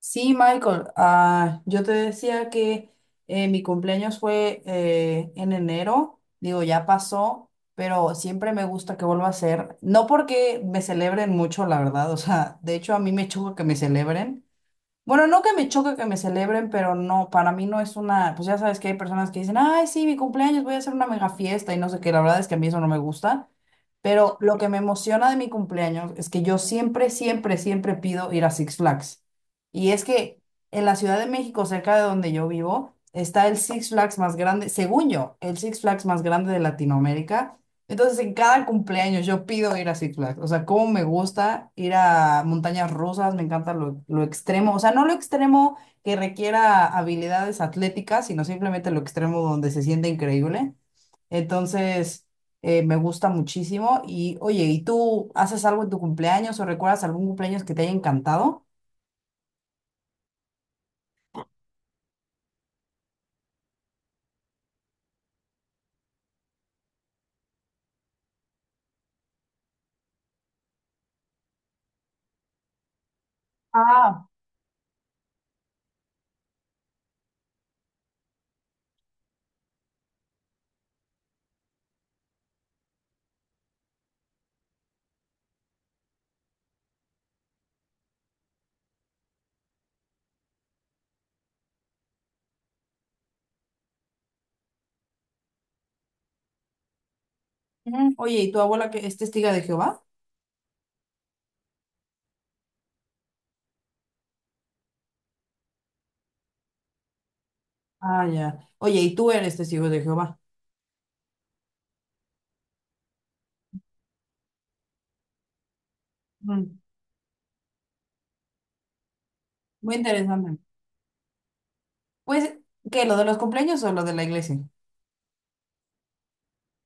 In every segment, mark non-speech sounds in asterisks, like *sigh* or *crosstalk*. Sí, Michael, yo te decía que mi cumpleaños fue en enero, digo, ya pasó, pero siempre me gusta que vuelva a ser, no porque me celebren mucho, la verdad, o sea, de hecho a mí me choca que me celebren, bueno, no que me choque que me celebren, pero no, para mí no es una, pues ya sabes que hay personas que dicen, ay, sí, mi cumpleaños, voy a hacer una mega fiesta y no sé qué, la verdad es que a mí eso no me gusta, pero lo que me emociona de mi cumpleaños es que yo siempre, siempre, siempre pido ir a Six Flags. Y es que en la Ciudad de México, cerca de donde yo vivo, está el Six Flags más grande, según yo, el Six Flags más grande de Latinoamérica. Entonces, en cada cumpleaños yo pido ir a Six Flags. O sea, cómo me gusta ir a montañas rusas, me encanta lo extremo. O sea, no lo extremo que requiera habilidades atléticas, sino simplemente lo extremo donde se siente increíble. Entonces, Me gusta muchísimo. Y oye, ¿y tú haces algo en tu cumpleaños o recuerdas algún cumpleaños que te haya encantado? Ah, ujú. Oye, ¿y tu abuela que es testiga de Jehová? Ah, ya. Oye, ¿y tú eres testigo de Jehová? Mm, muy interesante. Pues, ¿qué? ¿Lo de los cumpleaños o lo de la iglesia?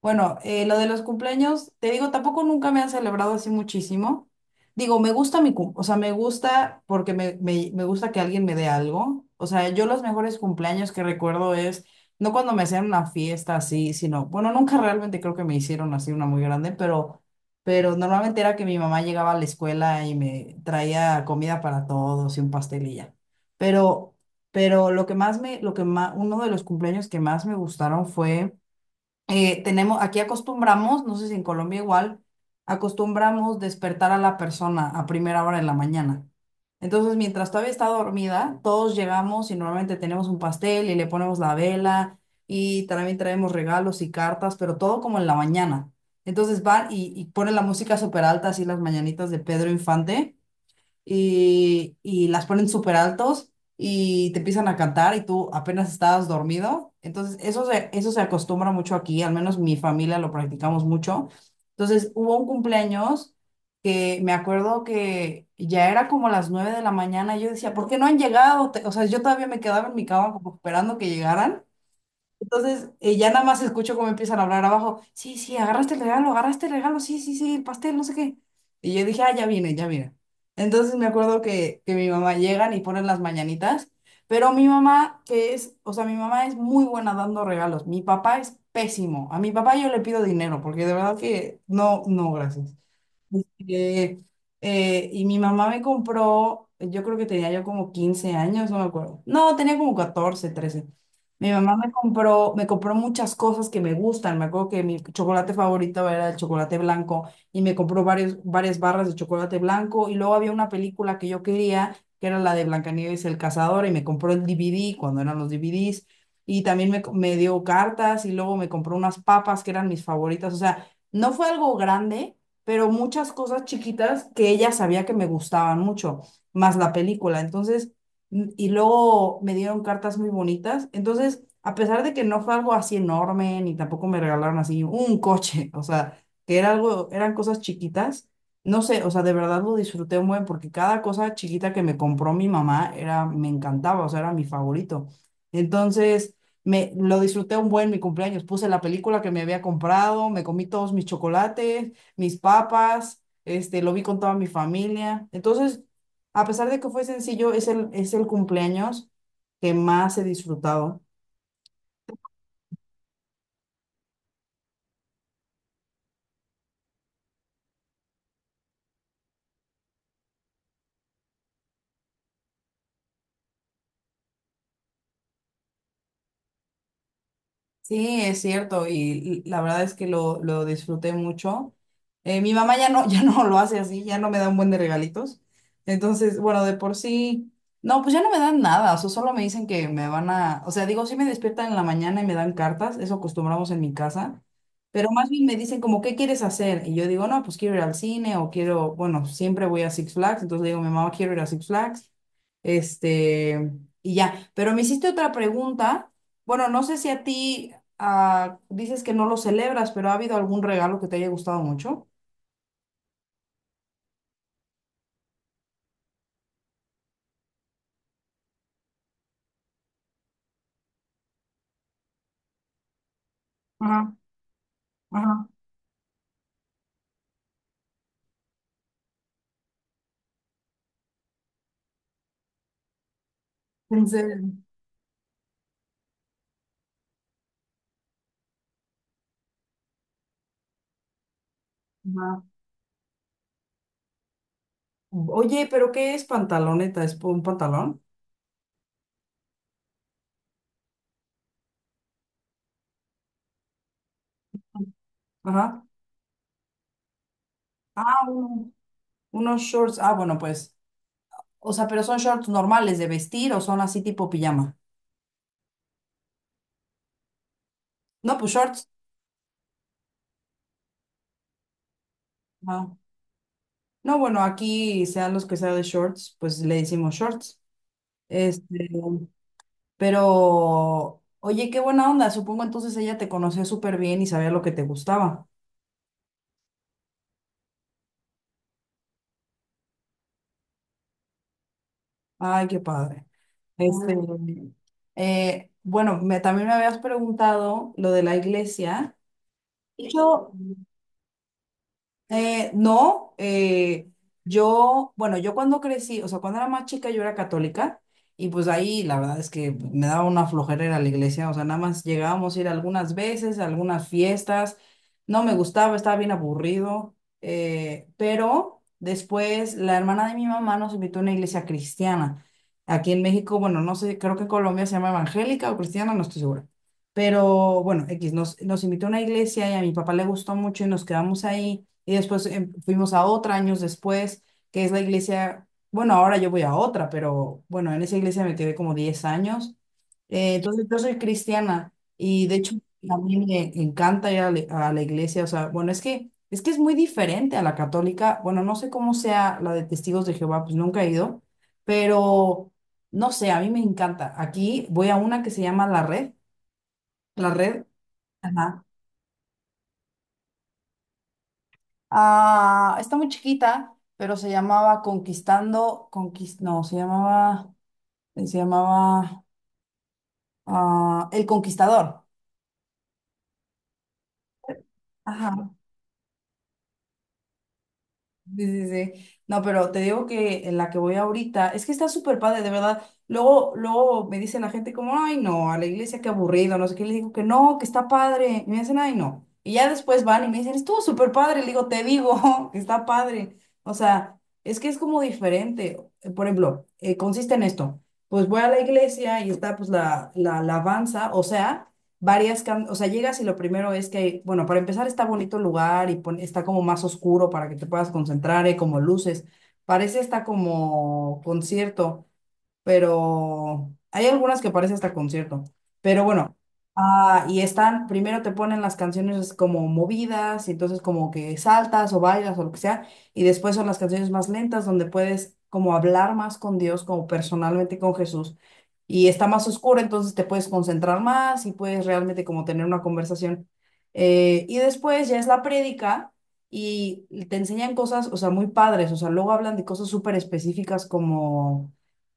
Bueno, lo de los cumpleaños, te digo, tampoco nunca me han celebrado así muchísimo. Digo, me gusta mi cum, o sea, me gusta porque me gusta que alguien me dé algo. O sea, yo los mejores cumpleaños que recuerdo es, no cuando me hacían una fiesta así, sino, bueno, nunca realmente creo que me hicieron así una muy grande, pero normalmente era que mi mamá llegaba a la escuela y me traía comida para todos y un pastelilla. Pero, pero lo que más me, lo que más, uno de los cumpleaños que más me gustaron fue tenemos, aquí acostumbramos, no sé si en Colombia igual, acostumbramos despertar a la persona a primera hora de la mañana. Entonces, mientras todavía está dormida, todos llegamos y normalmente tenemos un pastel y le ponemos la vela y también traemos regalos y cartas, pero todo como en la mañana. Entonces van y ponen la música súper alta, así las mañanitas de Pedro Infante y las ponen súper altos y te empiezan a cantar y tú apenas estabas dormido. Entonces, eso se acostumbra mucho aquí, al menos mi familia lo practicamos mucho. Entonces, hubo un cumpleaños que me acuerdo que ya era como las 9 de la mañana y yo decía, ¿por qué no han llegado? O sea, yo todavía me quedaba en mi cama como esperando que llegaran. Ya nada más escucho cómo empiezan a hablar abajo. Sí, sí, agarraste el regalo, sí, sí, sí, el pastel, no sé qué. Y yo dije, ah, ya viene, ya viene. Entonces me acuerdo que mi mamá llegan y ponen las mañanitas, pero mi mamá, que es, o sea, mi mamá es muy buena dando regalos. Mi papá es pésimo. A mi papá yo le pido dinero, porque de verdad que no, no, gracias. Eh, y mi mamá me compró, yo creo que tenía yo como 15 años, no me acuerdo. No, tenía como 14 13. Mi mamá me compró muchas cosas que me gustan. Me acuerdo que mi chocolate favorito era el chocolate blanco y me compró varias barras de chocolate blanco. Y luego había una película que yo quería, que era la de Blancanieves y el Cazador, y me compró el DVD cuando eran los DVDs. Y también me dio cartas y luego me compró unas papas que eran mis favoritas. O sea, no fue algo grande, pero muchas cosas chiquitas que ella sabía que me gustaban mucho, más la película. Y luego me dieron cartas muy bonitas. Entonces, a pesar de que no fue algo así enorme, ni tampoco me regalaron así un coche, *laughs* o sea, que era algo, eran cosas chiquitas, no sé, o sea, de verdad lo disfruté muy bien porque cada cosa chiquita que me compró mi mamá era, me encantaba, o sea, era mi favorito. Entonces, me lo disfruté un buen mi cumpleaños. Puse la película que me había comprado, me comí todos mis chocolates, mis papas, este, lo vi con toda mi familia. Entonces, a pesar de que fue sencillo, es el cumpleaños que más he disfrutado. Sí, es cierto, y la verdad es que lo disfruté mucho. Mi mamá ya no, *laughs* ya no lo hace así, ya no me da un buen de regalitos. Entonces, bueno, de por sí, no, pues ya no me dan nada, o sea, solo me dicen que me van a, o sea, digo, sí me despiertan en la mañana y me dan cartas, eso acostumbramos en mi casa, pero más bien me dicen como, ¿qué quieres hacer? Y yo digo, no, pues quiero ir al cine o quiero, bueno, siempre voy a Six Flags, entonces le digo, mi mamá, quiero ir a Six Flags, este, y ya, pero me hiciste otra pregunta. Bueno, no sé si a ti ah, dices que no lo celebras, pero ¿ha habido algún regalo que te haya gustado mucho? Ajá, ajá. En serio. Ajá. Oye, ¿pero qué es pantaloneta? ¿Es un pantalón? Ajá. Ah, uno- Unos shorts. Ah, bueno, pues. O sea, pero son shorts normales de vestir o son así tipo pijama. No, pues shorts. Ajá. No, bueno, aquí sean los que sean de shorts, pues le decimos shorts. Este, pero, oye, qué buena onda. Supongo entonces ella te conocía súper bien y sabía lo que te gustaba. Ay, qué padre. Este, También me habías preguntado lo de la iglesia. Yo no, yo, Bueno, yo cuando crecí, o sea, cuando era más chica yo era católica y pues ahí la verdad es que me daba una flojera ir a la iglesia, o sea, nada más llegábamos a ir algunas veces, a algunas fiestas, no me gustaba, estaba bien aburrido, pero después la hermana de mi mamá nos invitó a una iglesia cristiana. Aquí en México, bueno, no sé, creo que en Colombia se llama evangélica o cristiana, no estoy segura. Pero bueno, X nos invitó a una iglesia y a mi papá le gustó mucho y nos quedamos ahí. Y después fuimos a otra años después, que es la iglesia, bueno, ahora yo voy a otra, pero bueno, en esa iglesia me quedé como 10 años. Entonces yo soy cristiana y de hecho a mí me encanta ir a la iglesia, o sea, bueno, es que, es que es muy diferente a la católica, bueno, no sé cómo sea la de Testigos de Jehová, pues nunca he ido, pero no sé, a mí me encanta. Aquí voy a una que se llama La Red, La Red, ajá. Ah, está muy chiquita, pero se llamaba Conquistando, Conquist, no, se llamaba, se llamaba El Conquistador. Ajá. Sí, sí, sí. No, pero te digo que en la que voy ahorita es que está súper padre, de verdad. Luego, luego me dice la gente como, ay, no, a la iglesia qué aburrido, no sé qué. Le digo que no, que está padre. Y me dicen, ay, no. Y ya después van y me dicen, estuvo súper padre. Le digo, te digo *laughs* que está padre. O sea, es que es como diferente. Por ejemplo, consiste en esto. Pues voy a la iglesia y está pues la alabanza, o sea varias, o sea, llegas y lo primero es que, bueno, para empezar está bonito el lugar y está como más oscuro para que te puedas concentrar, y como luces. Parece está como concierto, pero hay algunas que parece hasta concierto. Pero bueno, y están, primero te ponen las canciones como movidas, y entonces como que saltas o bailas o lo que sea, y después son las canciones más lentas donde puedes como hablar más con Dios, como personalmente con Jesús. Y está más oscura, entonces te puedes concentrar más y puedes realmente como tener una conversación. Y después ya es la prédica y te enseñan cosas, o sea, muy padres, o sea, luego hablan de cosas súper específicas como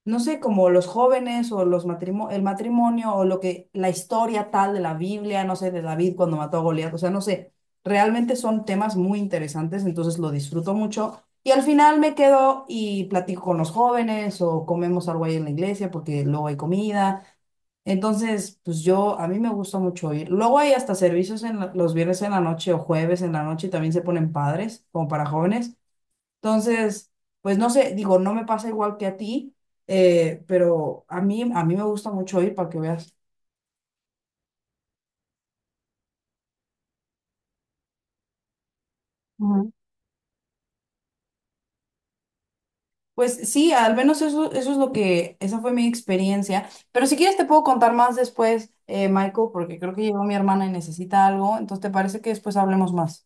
no sé, como los jóvenes o el matrimonio o lo que, la historia tal de la Biblia, no sé, de David cuando mató a Goliat, o sea, no sé, realmente son temas muy interesantes, entonces lo disfruto mucho. Y al final me quedo y platico con los jóvenes o comemos algo ahí en la iglesia porque luego hay comida. Entonces, pues yo, a mí me gusta mucho ir. Luego hay hasta servicios en los viernes en la noche o jueves en la noche, también se ponen padres, como para jóvenes. Entonces, pues no sé, digo, no me pasa igual que a ti, pero a mí me gusta mucho ir para que veas. Ujú. Pues sí, al menos eso, eso es lo que, esa fue mi experiencia. Pero si quieres te puedo contar más después, Michael, porque creo que llegó mi hermana y necesita algo. Entonces, ¿te parece que después hablemos más?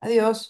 Adiós.